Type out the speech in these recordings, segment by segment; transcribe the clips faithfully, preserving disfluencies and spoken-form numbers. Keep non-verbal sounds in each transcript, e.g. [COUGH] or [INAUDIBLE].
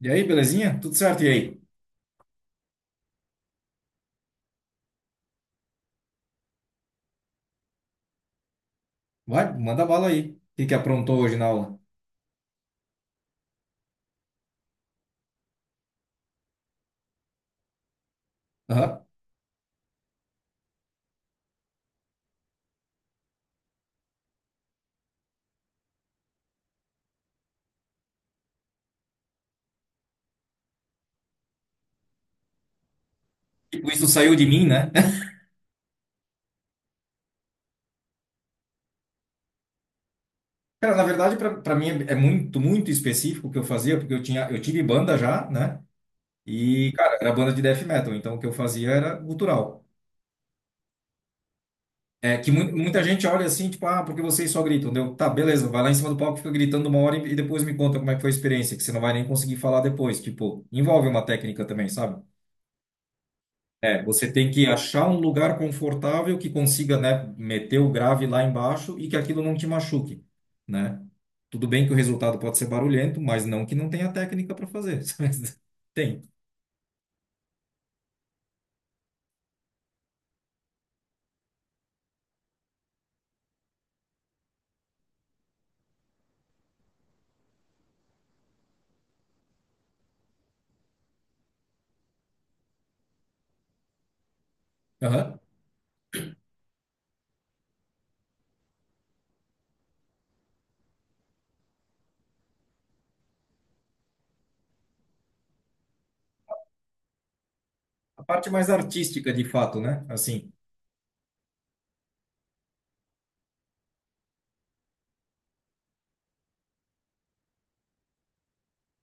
E aí, belezinha? Tudo certo? E aí? Vai, manda bala aí. O que que aprontou hoje na aula? Aham. Tipo, isso saiu de mim, né? [LAUGHS] Cara, na verdade, pra pra mim é é muito, muito específico o que eu fazia, porque eu tinha, eu tive banda já, né? E, cara, era banda de death metal, então o que eu fazia era gutural. É que mu- muita gente olha assim, tipo, ah, porque vocês só gritam, deu? Tá, beleza, vai lá em cima do palco, fica gritando uma hora e e depois me conta como é que foi a experiência, que você não vai nem conseguir falar depois. Tipo, envolve uma técnica também, sabe? É, você tem que achar um lugar confortável que consiga, né, meter o grave lá embaixo e que aquilo não te machuque, né? Tudo bem que o resultado pode ser barulhento, mas não que não tenha técnica para fazer. [LAUGHS] Sabe? Tem. Aham. A parte mais artística, de fato, né? Assim.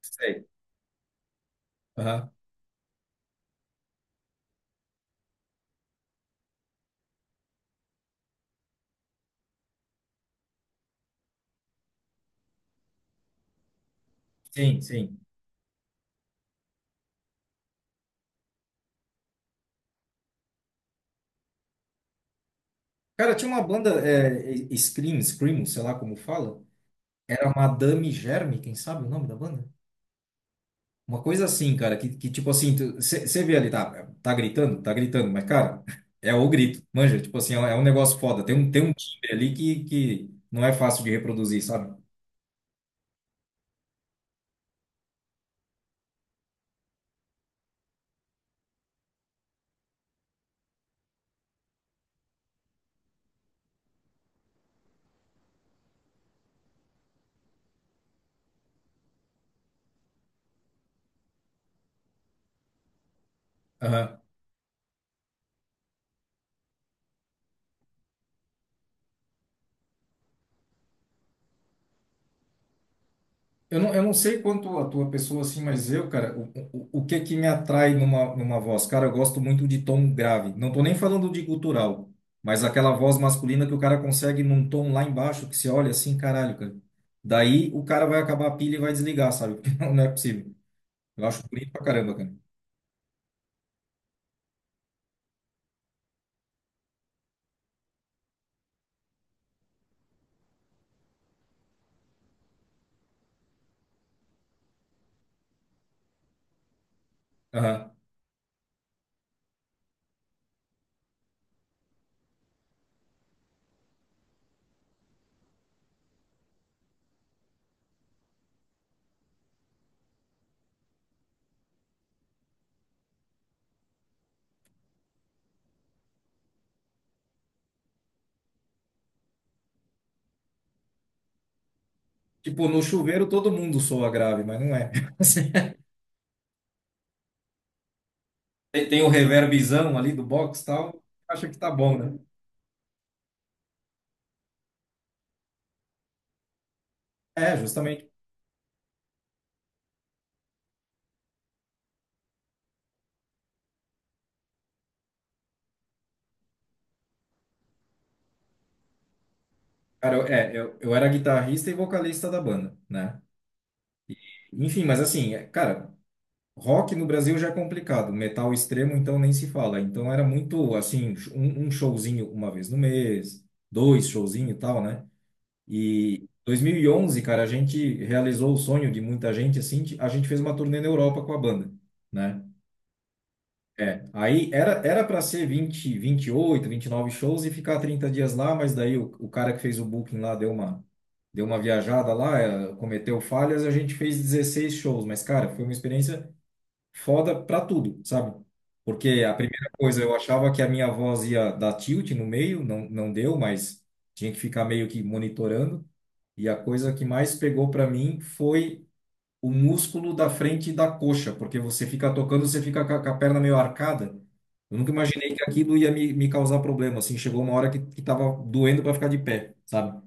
Sei. Aham. Sim, sim. Cara, tinha uma banda, é, Scream, Scream, sei lá como fala. Era Madame Germe, quem sabe o nome da banda? Uma coisa assim, cara, que, que tipo assim, você vê ali, tá, tá gritando, tá gritando, mas, cara, [LAUGHS] é o grito, manja, tipo assim, é um é um negócio foda, tem um, tem um timbre ali que, que não é fácil de reproduzir, sabe? Aham. Eu não, eu não sei quanto a tua pessoa, assim, mas eu, cara, o, o, o que é que me atrai numa, numa voz? Cara, eu gosto muito de tom grave, não tô nem falando de gutural, mas aquela voz masculina que o cara consegue num tom lá embaixo, que você olha assim, caralho, cara. Daí o cara vai acabar a pilha e vai desligar, sabe? [LAUGHS] Não é possível. Eu acho bonito pra caramba, cara. Aham. Tipo, no chuveiro todo mundo soa grave, mas não é. [LAUGHS] Assim, tem tem o reverbzão ali do box e tal, acha que tá bom, né? É, justamente. Cara, eu, é, eu, eu era guitarrista e vocalista da banda, né? Enfim, mas assim, é, cara, rock no Brasil já é complicado, metal extremo então nem se fala. Então era muito, assim, um, um showzinho uma vez no mês, dois showzinho e tal, né? E dois mil e onze, cara, a gente realizou o sonho de muita gente, assim, de- a gente fez uma turnê na Europa com a banda, né? É, aí era era para ser vinte, vinte e oito, vinte e nove shows e ficar trinta dias lá, mas daí o, o cara que fez o booking lá deu uma deu uma viajada lá, eh, cometeu falhas, a gente fez dezesseis shows, mas cara, foi uma experiência foda pra tudo, sabe? Porque a primeira coisa, eu achava que a minha voz ia dar tilt no meio, não, não deu, mas tinha que ficar meio que monitorando. E a coisa que mais pegou pra mim foi o músculo da frente da coxa, porque você fica tocando, você fica com a, com a perna meio arcada. Eu nunca imaginei que aquilo ia me, me causar problema, assim, chegou uma hora que, que tava doendo pra ficar de pé, sabe?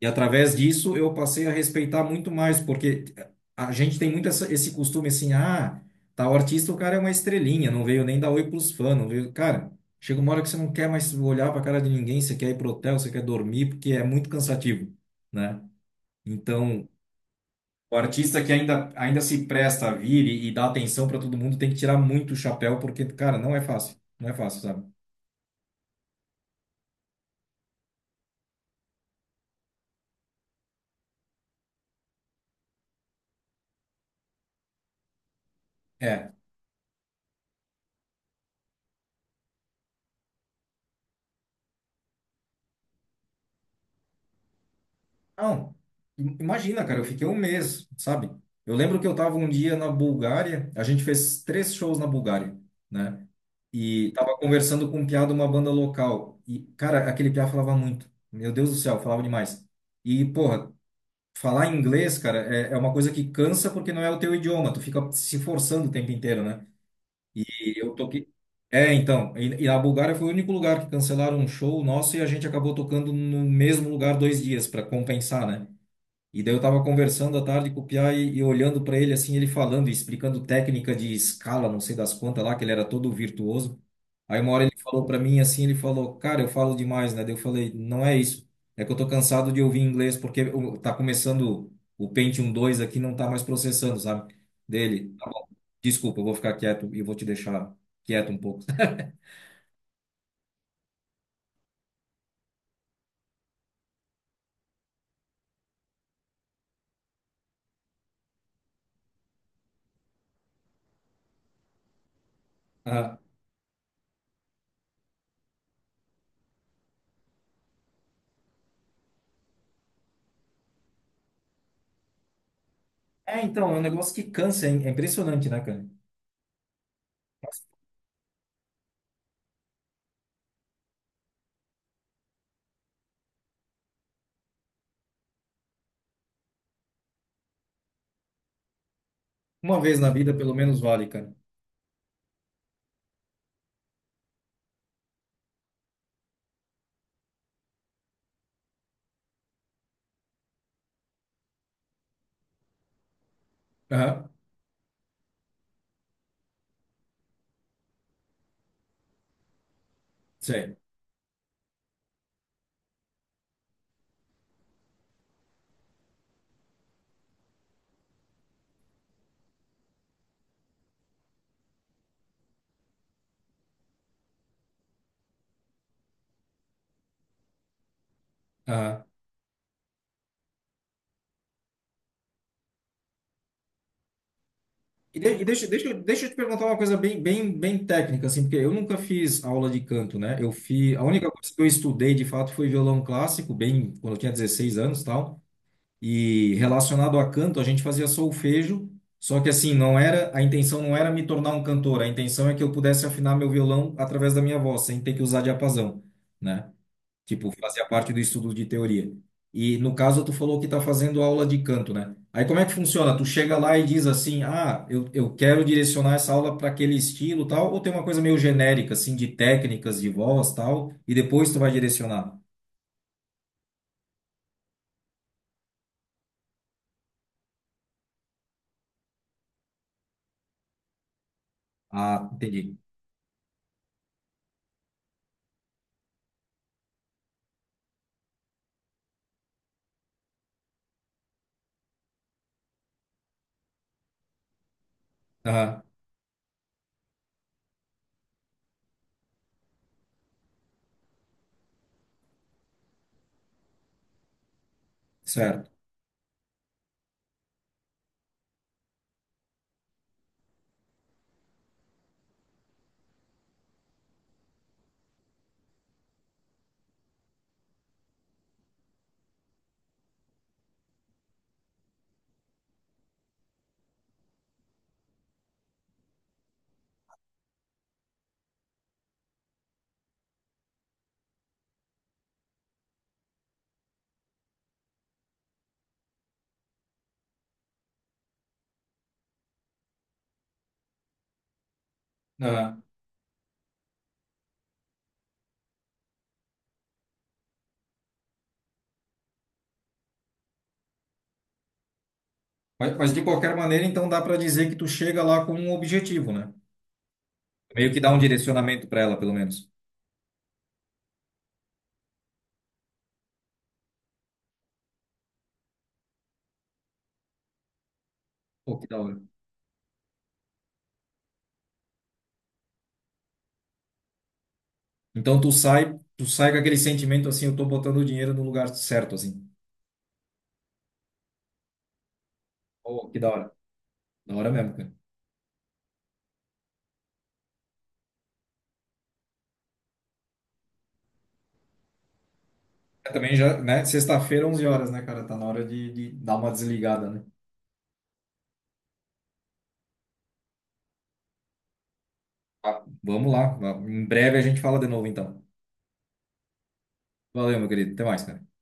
E através disso eu passei a respeitar muito mais, porque a gente tem muito essa- esse costume assim, ah, tá, o artista, o cara é uma estrelinha, não veio nem dar oi pros fãs, não veio. Cara, chega uma hora que você não quer mais olhar pra cara de ninguém, você quer ir pro hotel, você quer dormir, porque é muito cansativo, né? Então, o artista que ainda, ainda se presta a vir e, e dá atenção pra todo mundo tem que tirar muito o chapéu, porque, cara, não é fácil, não é fácil, sabe? É. Não, im- imagina, cara, eu fiquei um mês, sabe? Eu lembro que eu tava um dia na Bulgária, a gente fez três shows na Bulgária, né? E tava conversando com um piá de uma banda local. E, cara, aquele piá falava muito. Meu Deus do céu, falava demais. E, porra, falar inglês, cara, é, é uma coisa que cansa porque não é o teu idioma. Tu fica se forçando o tempo inteiro, né? E eu toquei. É, então. E, e a Bulgária foi o único lugar que cancelaram um show nosso e a gente acabou tocando no mesmo lugar dois dias para compensar, né? E daí eu tava conversando à tarde com o Piá e, e olhando para ele assim, ele falando e explicando técnica de escala, não sei das quantas lá, que ele era todo virtuoso. Aí uma hora ele falou para mim assim, ele falou: "Cara, eu falo demais, né?" Daí eu falei: "Não é isso. É que eu tô cansado de ouvir inglês porque o- tá começando o Pentium dois aqui não tá mais processando, sabe?" Dele: "Tá bom, desculpa, eu vou ficar quieto e vou te deixar quieto um pouco." [LAUGHS] Ah, é, então, é um negócio que cansa, é é impressionante, né, cara? Uma vez na vida pelo menos vale, cara. Aham. Sei. Aham. E, de- e deixa, deixa, deixa eu te perguntar uma coisa bem, bem, bem técnica, assim, porque eu nunca fiz aula de canto, né? Eu fiz, a única coisa que eu estudei de fato foi violão clássico, bem quando eu tinha dezesseis anos, e tal. E relacionado a canto, a gente fazia solfejo, só que assim, não era, a intenção não era me tornar um cantor, a intenção é que eu pudesse afinar meu violão através da minha voz, sem ter que usar diapasão, né? Tipo, fazia parte do estudo de teoria. E no caso, tu falou que tá fazendo aula de canto, né? Aí como é que funciona? Tu chega lá e diz assim: ah, eu, eu quero direcionar essa aula para aquele estilo, tal, ou tem uma coisa meio genérica, assim, de técnicas de voz, tal, e depois tu vai direcionar. Ah, entendi. Aham, certo. Aham. Mas, mas de qualquer maneira, então dá para dizer que tu chega lá com um objetivo, né? Meio que dá um direcionamento para ela, pelo menos. Pô, que da hora. Então tu sai, tu sai com aquele sentimento assim, eu tô botando o dinheiro no lugar certo, assim. Oh, que da hora. Da hora mesmo, cara. É, também já, né? Sexta-feira, onze horas, né, cara? Tá na hora de, de dar uma desligada, né? Ah, vamos lá. Em breve a gente fala de novo, então. Valeu, meu querido. Até mais, cara.